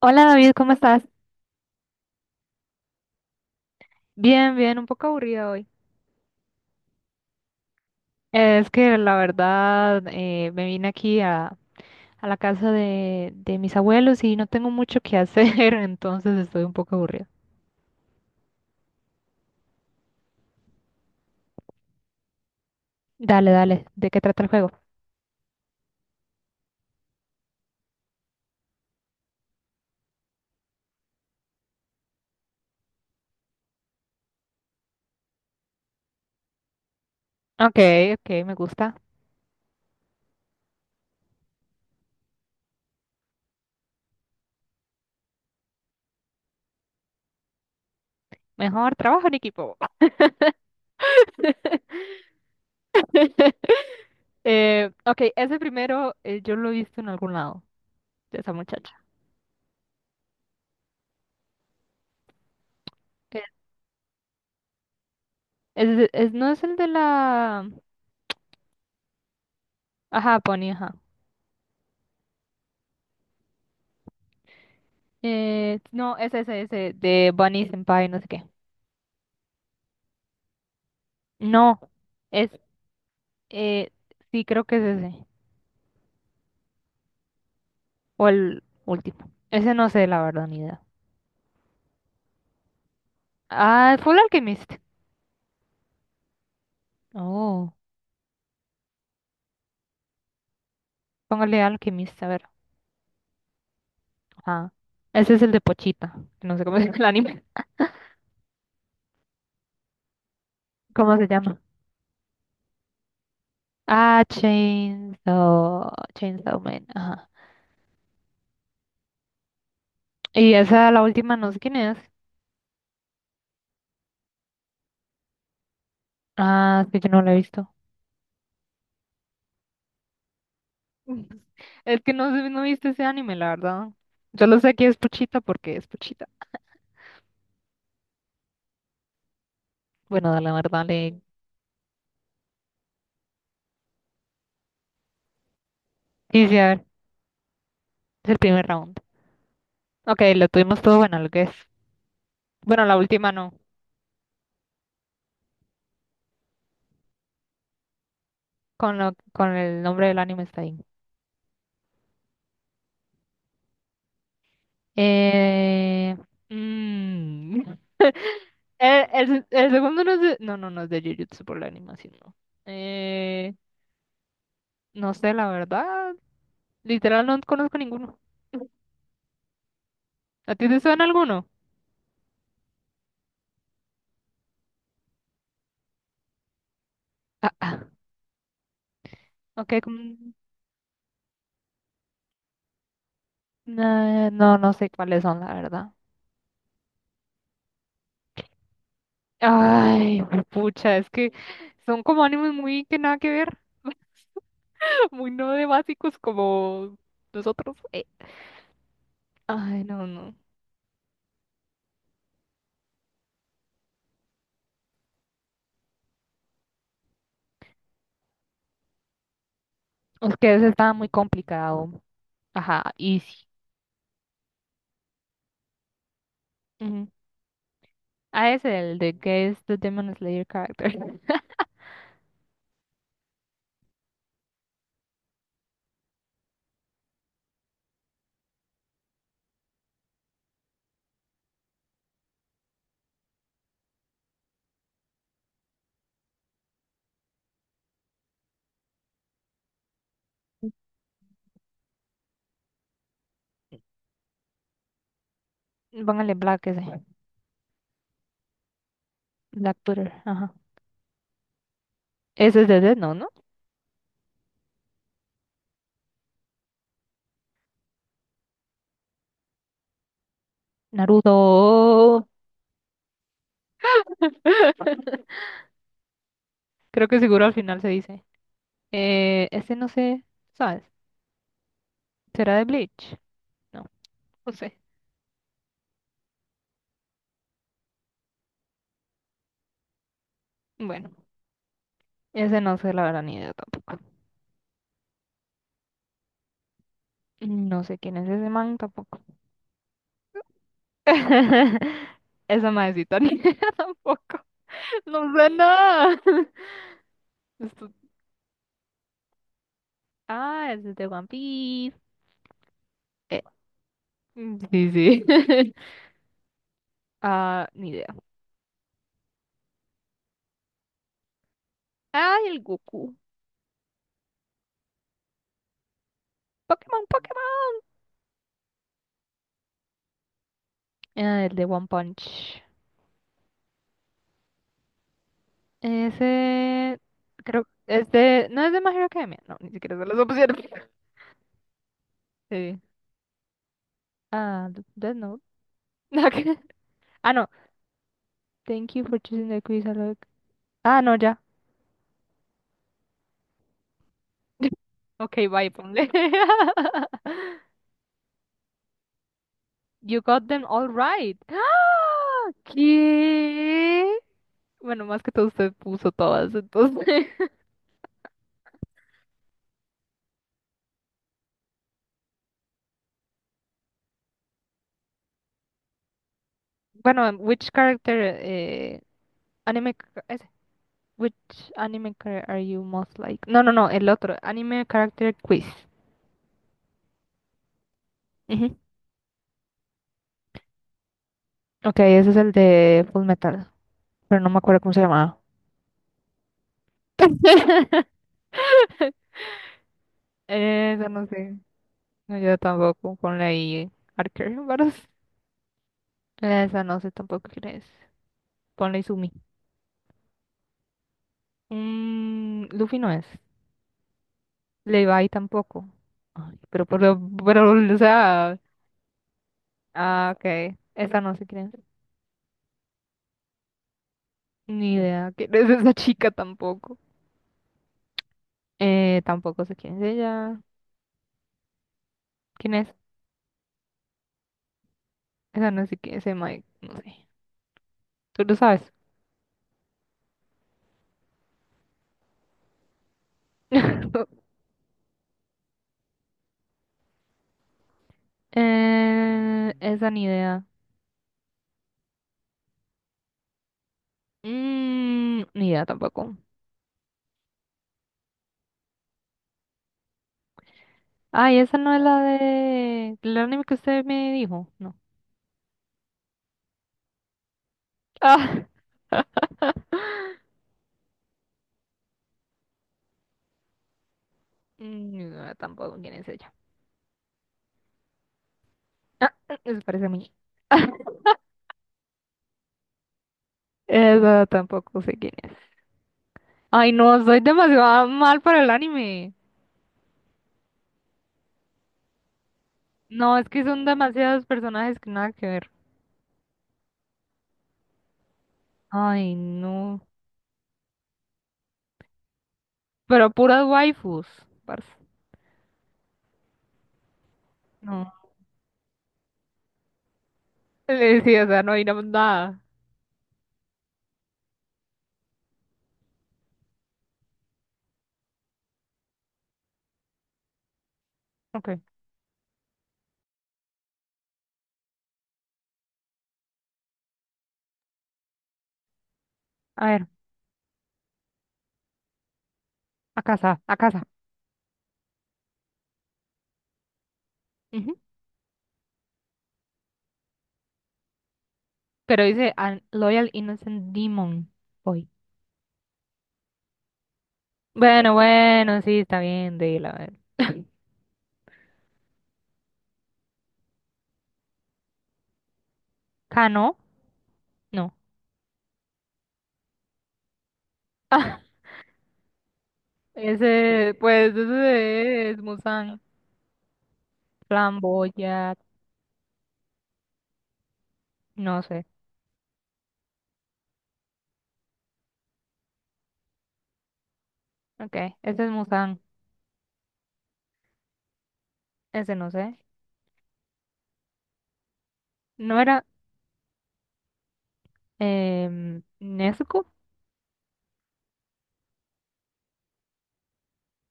Hola David, ¿cómo estás? Bien, bien, un poco aburrida hoy. Es que la verdad me vine aquí a la casa de mis abuelos y no tengo mucho que hacer, entonces estoy un poco aburrida. Dale, dale, ¿de qué trata el juego? Ok, ok, me gusta. Mejor trabajo en equipo. Ok, ese primero yo lo he visto en algún lado, de esa muchacha. Eh, no es el de la... Ajá, Bonnie, ajá. No, es ese, ese, de Bunny Senpai, no sé qué. No, es, eh, sí creo que es ese, o el último. Ese no sé, la verdad, ni idea. Ah, fue el Alchemist. Oh, póngale Alchemist, a ver. Ajá. Ese es el de Pochita, que no sé cómo se llama el anime. ¿Cómo se llama? Ah, Chainsaw, Chainsaw Man, ajá. Y esa, la última, no sé quién es. Ah, es que yo no la he visto. Es que no, no he visto ese anime, la verdad. Yo lo sé que es Pochita porque es Pochita. Bueno, la verdad, le... Sí, sí, a ver. Es el primer round. Ok, lo tuvimos todo bueno, lo que es. Bueno, la última no. Con, lo, con el nombre del anime está ahí. Eh, mm, el segundo no es de. No, no, no es de Jujutsu por la animación, no. Eh, no sé, la verdad. Literal, no conozco ninguno. ¿A ti te suena alguno? Ah, ah. Ok, no, no sé cuáles son, la verdad. Ay, pucha, es que son como animes muy que nada que ver. Muy no de básicos como nosotros. Ay, no, no. Es que ese estaba muy complicado. Ajá, easy. Ujú. Ah, ese, el de que es the Demon Slayer character. Póngale Black ese. Black Twitter, ajá. Ese es de Death Note, ¿no? Naruto. Creo que seguro al final se dice. Ese no sé, ¿sabes? ¿Será de Bleach? No, no sé. Bueno, ese no sé la verdad ni idea tampoco. No sé quién es ese man tampoco. Esa madrecita ni idea tampoco. No sé nada. Esto- ah, ese es de One Piece. Eh, sí, sí. Ah, ni idea. Ay, el Goku. Pokémon, Pokémon. Ah, el de One Punch. Ese. Creo. Es de. No es de My Hero Academia. No, ni siquiera se las opciones. Sí. Ah, Death Note. Nada. Ah, no. Thank you for choosing the quiz. Ah, no, ya. Ok, bye, ponle. You got them all right. ¡Ah! ¿Qué? Bueno, más que todo usted puso todas, entonces. Bueno, which character ese, which anime character are you most like? No, no, no, el otro, anime character quiz. Ujú. Ok, ese es el de Full Metal, pero no me acuerdo cómo se llamaba. Esa no sé. No, yo tampoco. Ponle ahí Archer Baros. Esa no sé tampoco quién es. Ponle Izumi. Mm, Luffy no es. Levi tampoco. Ay, pero, o sea. Ah, ok. Esa no sé quién es. Ni idea quién es esa chica tampoco. Tampoco sé quién es ella. ¿Quién es? Esa no sé quién es. Ese Mike, no sé. Tú lo sabes. Esa ni idea. Mm, ni idea tampoco. Ay, esa no es la de. El anime que usted me dijo. No. Ah, mm, ni idea tampoco quién es ella. Ah, eso parece a mí. Esa tampoco sé quién es. Ay, no, soy demasiado mal para el anime. No, es que son demasiados personajes que nada que ver. Ay, no. Pero puras waifus, parce. No. Sí, o sea, no hay nada. Ok. A ver, a casa, a casa. Ujú. Pero dice "An Loyal Innocent Demon Boy". Bueno, bueno, sí, está bien, de a ver. ¿Kano? No. Ese, pues, ese es Musan, Flamboya, no sé. Ok, ese es Musan, ese no sé. No era eh, Nezuko.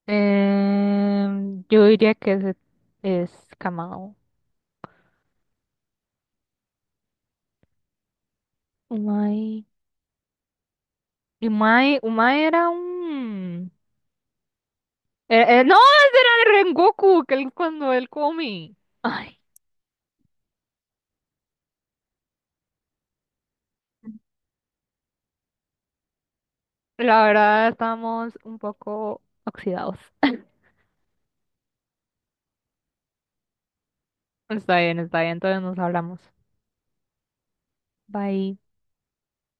Em, yo diría que ese es Kamado. Umai. Umai era un... no, ese era de Rengoku, que él cuando él come. Ay, la verdad estamos un poco oxidados. Está bien, entonces nos hablamos. Bye.